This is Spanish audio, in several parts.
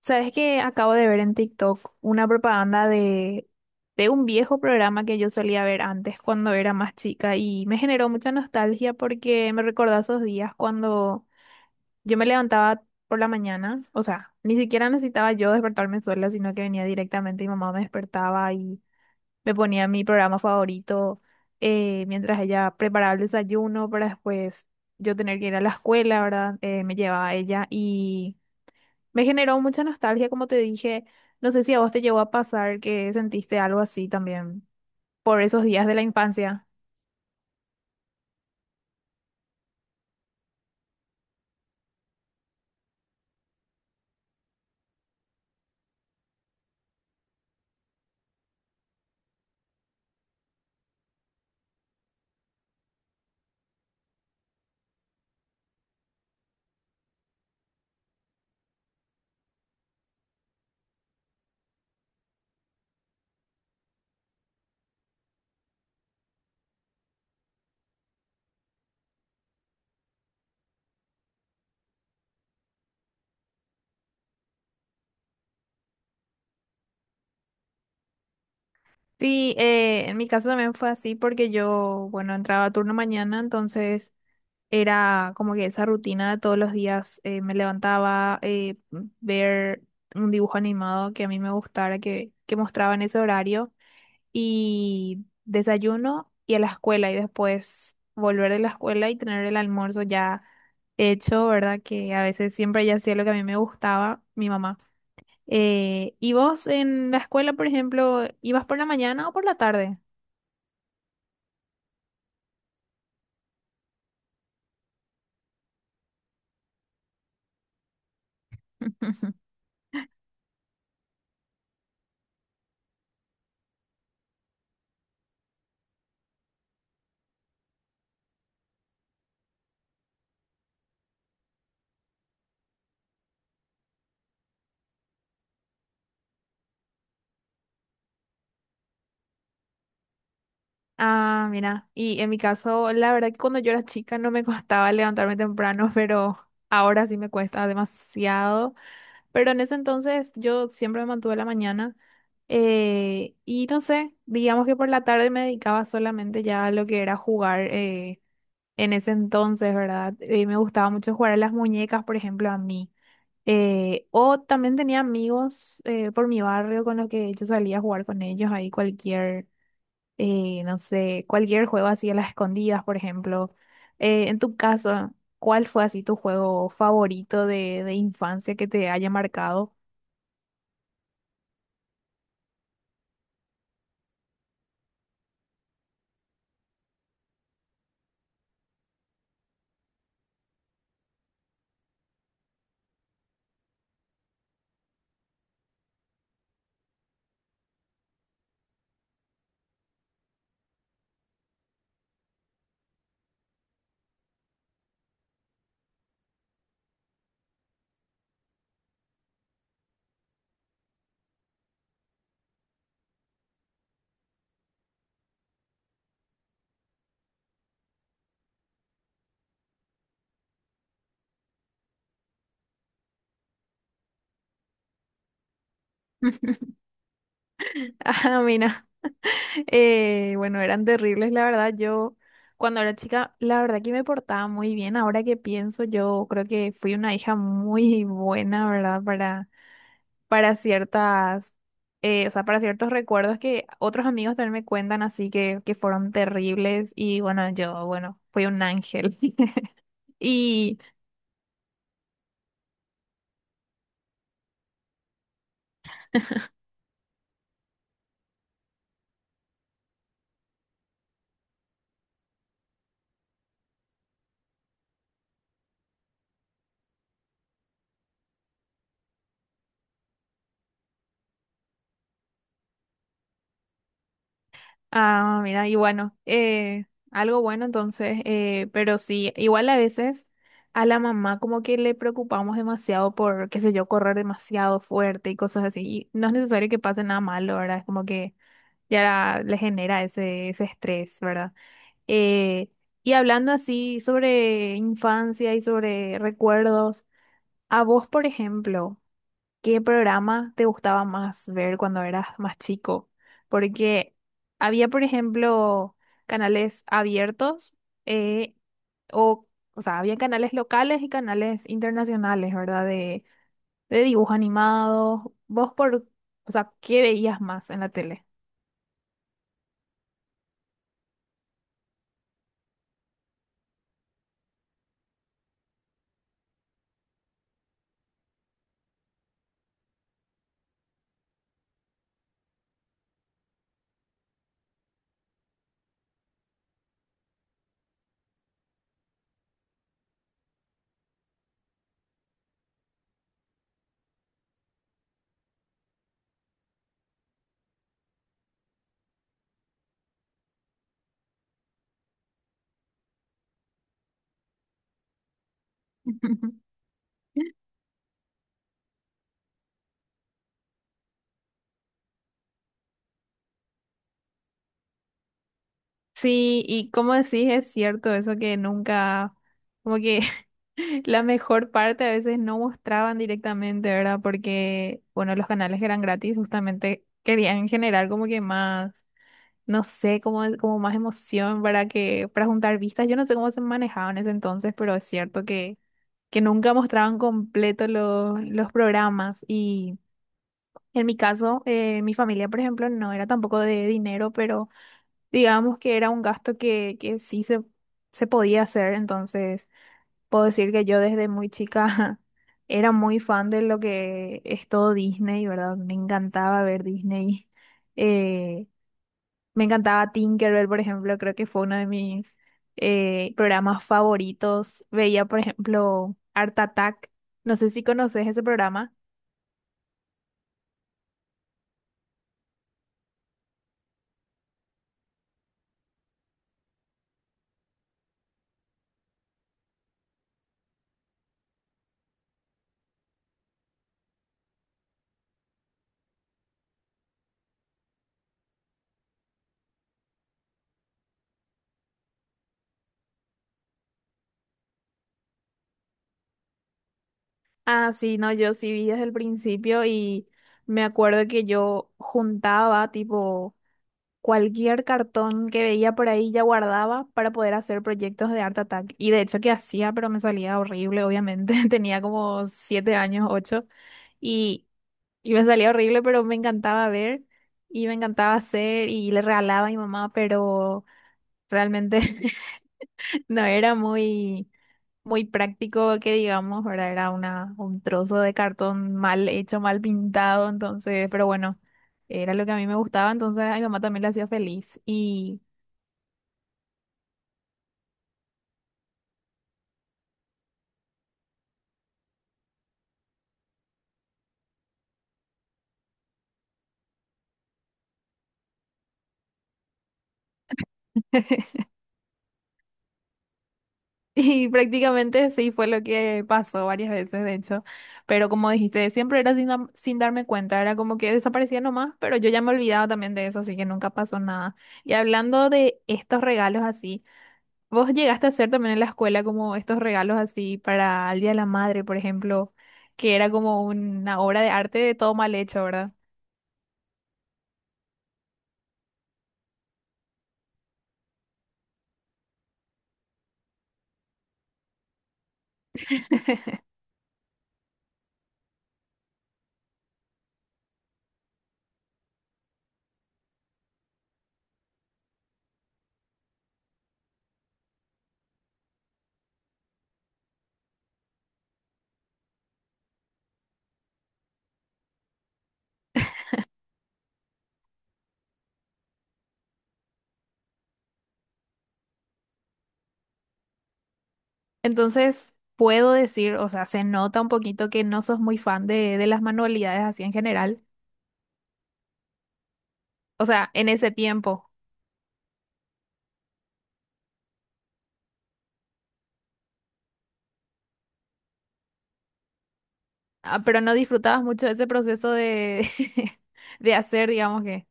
Sabes que acabo de ver en TikTok una propaganda de un viejo programa que yo solía ver antes cuando era más chica y me generó mucha nostalgia porque me recordó a esos días cuando yo me levantaba por la mañana. O sea, ni siquiera necesitaba yo despertarme sola, sino que venía directamente, mi mamá me despertaba y me ponía mi programa favorito mientras ella preparaba el desayuno para después yo tener que ir a la escuela, ¿verdad? Me llevaba ella y... Me generó mucha nostalgia, como te dije. No sé si a vos te llegó a pasar que sentiste algo así también por esos días de la infancia. Sí, en mi caso también fue así porque yo, bueno, entraba a turno mañana, entonces era como que esa rutina de todos los días. Me levantaba ver un dibujo animado que a mí me gustara, que mostraba en ese horario. Y desayuno y a la escuela y después volver de la escuela y tener el almuerzo ya hecho, ¿verdad? Que a veces siempre ya hacía lo que a mí me gustaba, mi mamá. ¿Y vos en la escuela, por ejemplo, ibas por la mañana o por la tarde? Ah, mira, y en mi caso, la verdad que cuando yo era chica no me costaba levantarme temprano, pero ahora sí me cuesta demasiado. Pero en ese entonces yo siempre me mantuve la mañana, y no sé, digamos que por la tarde me dedicaba solamente ya a lo que era jugar, en ese entonces, ¿verdad? Me gustaba mucho jugar a las muñecas, por ejemplo, a mí. O también tenía amigos, por mi barrio con los que yo salía a jugar con ellos ahí cualquier, no sé, cualquier juego así a las escondidas, por ejemplo. En tu caso, ¿cuál fue así tu juego favorito de infancia que te haya marcado? Ah, mira, bueno, eran terribles, la verdad. Yo, cuando era chica, la verdad que me portaba muy bien. Ahora que pienso, yo creo que fui una hija muy buena, ¿verdad? Para ciertas, o sea, para ciertos recuerdos que otros amigos también me cuentan, así que fueron terribles. Y bueno, yo, bueno, fui un ángel. Y ah, mira, y bueno, algo bueno entonces, pero sí, igual a veces a la mamá como que le preocupamos demasiado por, qué sé yo, correr demasiado fuerte y cosas así. Y no es necesario que pase nada malo, ¿verdad? Es como que ya le genera ese estrés, ¿verdad? Eh, y hablando así sobre infancia y sobre recuerdos, a vos, por ejemplo. ¿Qué programa te gustaba más ver cuando eras más chico? Porque había, por ejemplo, canales abiertos, eh, o, o sea, había canales locales y canales internacionales, ¿verdad? De dibujos animados. ¿Vos por, o sea, qué veías más en la tele? Sí, y como decís, es cierto eso que nunca, como que la mejor parte a veces no mostraban directamente, ¿verdad? Porque, bueno, los canales que eran gratis justamente querían generar como que más, no sé, como, como más emoción para que, para juntar vistas. Yo no sé cómo se manejaban en ese entonces, pero es cierto que nunca mostraban completo los programas. Y en mi caso, mi familia, por ejemplo, no era tampoco de dinero, pero digamos que era un gasto que sí se podía hacer, entonces puedo decir que yo desde muy chica era muy fan de lo que es todo Disney, ¿verdad? Me encantaba ver Disney. Eh, Me encantaba Tinkerbell, por ejemplo, creo que fue uno de mis programas favoritos. Veía, por ejemplo, Art Attack. No sé si conoces ese programa. Ah, sí, no, yo sí vi desde el principio y me acuerdo que yo juntaba tipo cualquier cartón que veía por ahí ya guardaba para poder hacer proyectos de Art Attack. Y de hecho que hacía, pero me salía horrible, obviamente. Tenía como siete años, ocho. Y, y me salía horrible, pero me encantaba ver y me encantaba hacer y le regalaba a mi mamá, pero realmente no era muy, muy práctico que digamos, ¿verdad? Era una, un trozo de cartón mal hecho, mal pintado, entonces, pero bueno, era lo que a mí me gustaba, entonces a mi mamá también le hacía feliz. Y y prácticamente sí fue lo que pasó varias veces, de hecho. Pero como dijiste, siempre era sin, dam- sin darme cuenta, era como que desaparecía nomás, pero yo ya me olvidaba también de eso, así que nunca pasó nada. Y hablando de estos regalos así, ¿vos llegaste a hacer también en la escuela como estos regalos así para el Día de la Madre, por ejemplo, que era como una obra de arte de todo mal hecho, ¿verdad? Entonces, puedo decir, o sea, se nota un poquito que no sos muy fan de las manualidades así en general. O sea, en ese tiempo. Ah, pero no disfrutabas mucho ese proceso de, de hacer, digamos que.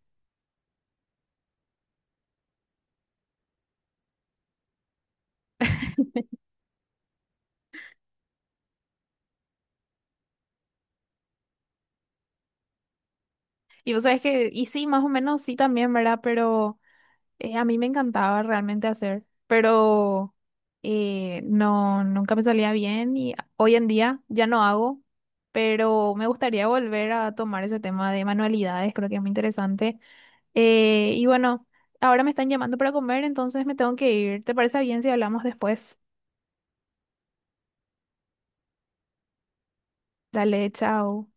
Y vos sabés que, y sí, más o menos sí también, ¿verdad? Pero a mí me encantaba realmente hacer, pero no, nunca me salía bien y hoy en día ya no hago, pero me gustaría volver a tomar ese tema de manualidades, creo que es muy interesante. Y bueno, ahora me están llamando para comer, entonces me tengo que ir. ¿Te parece bien si hablamos después? Dale, chao.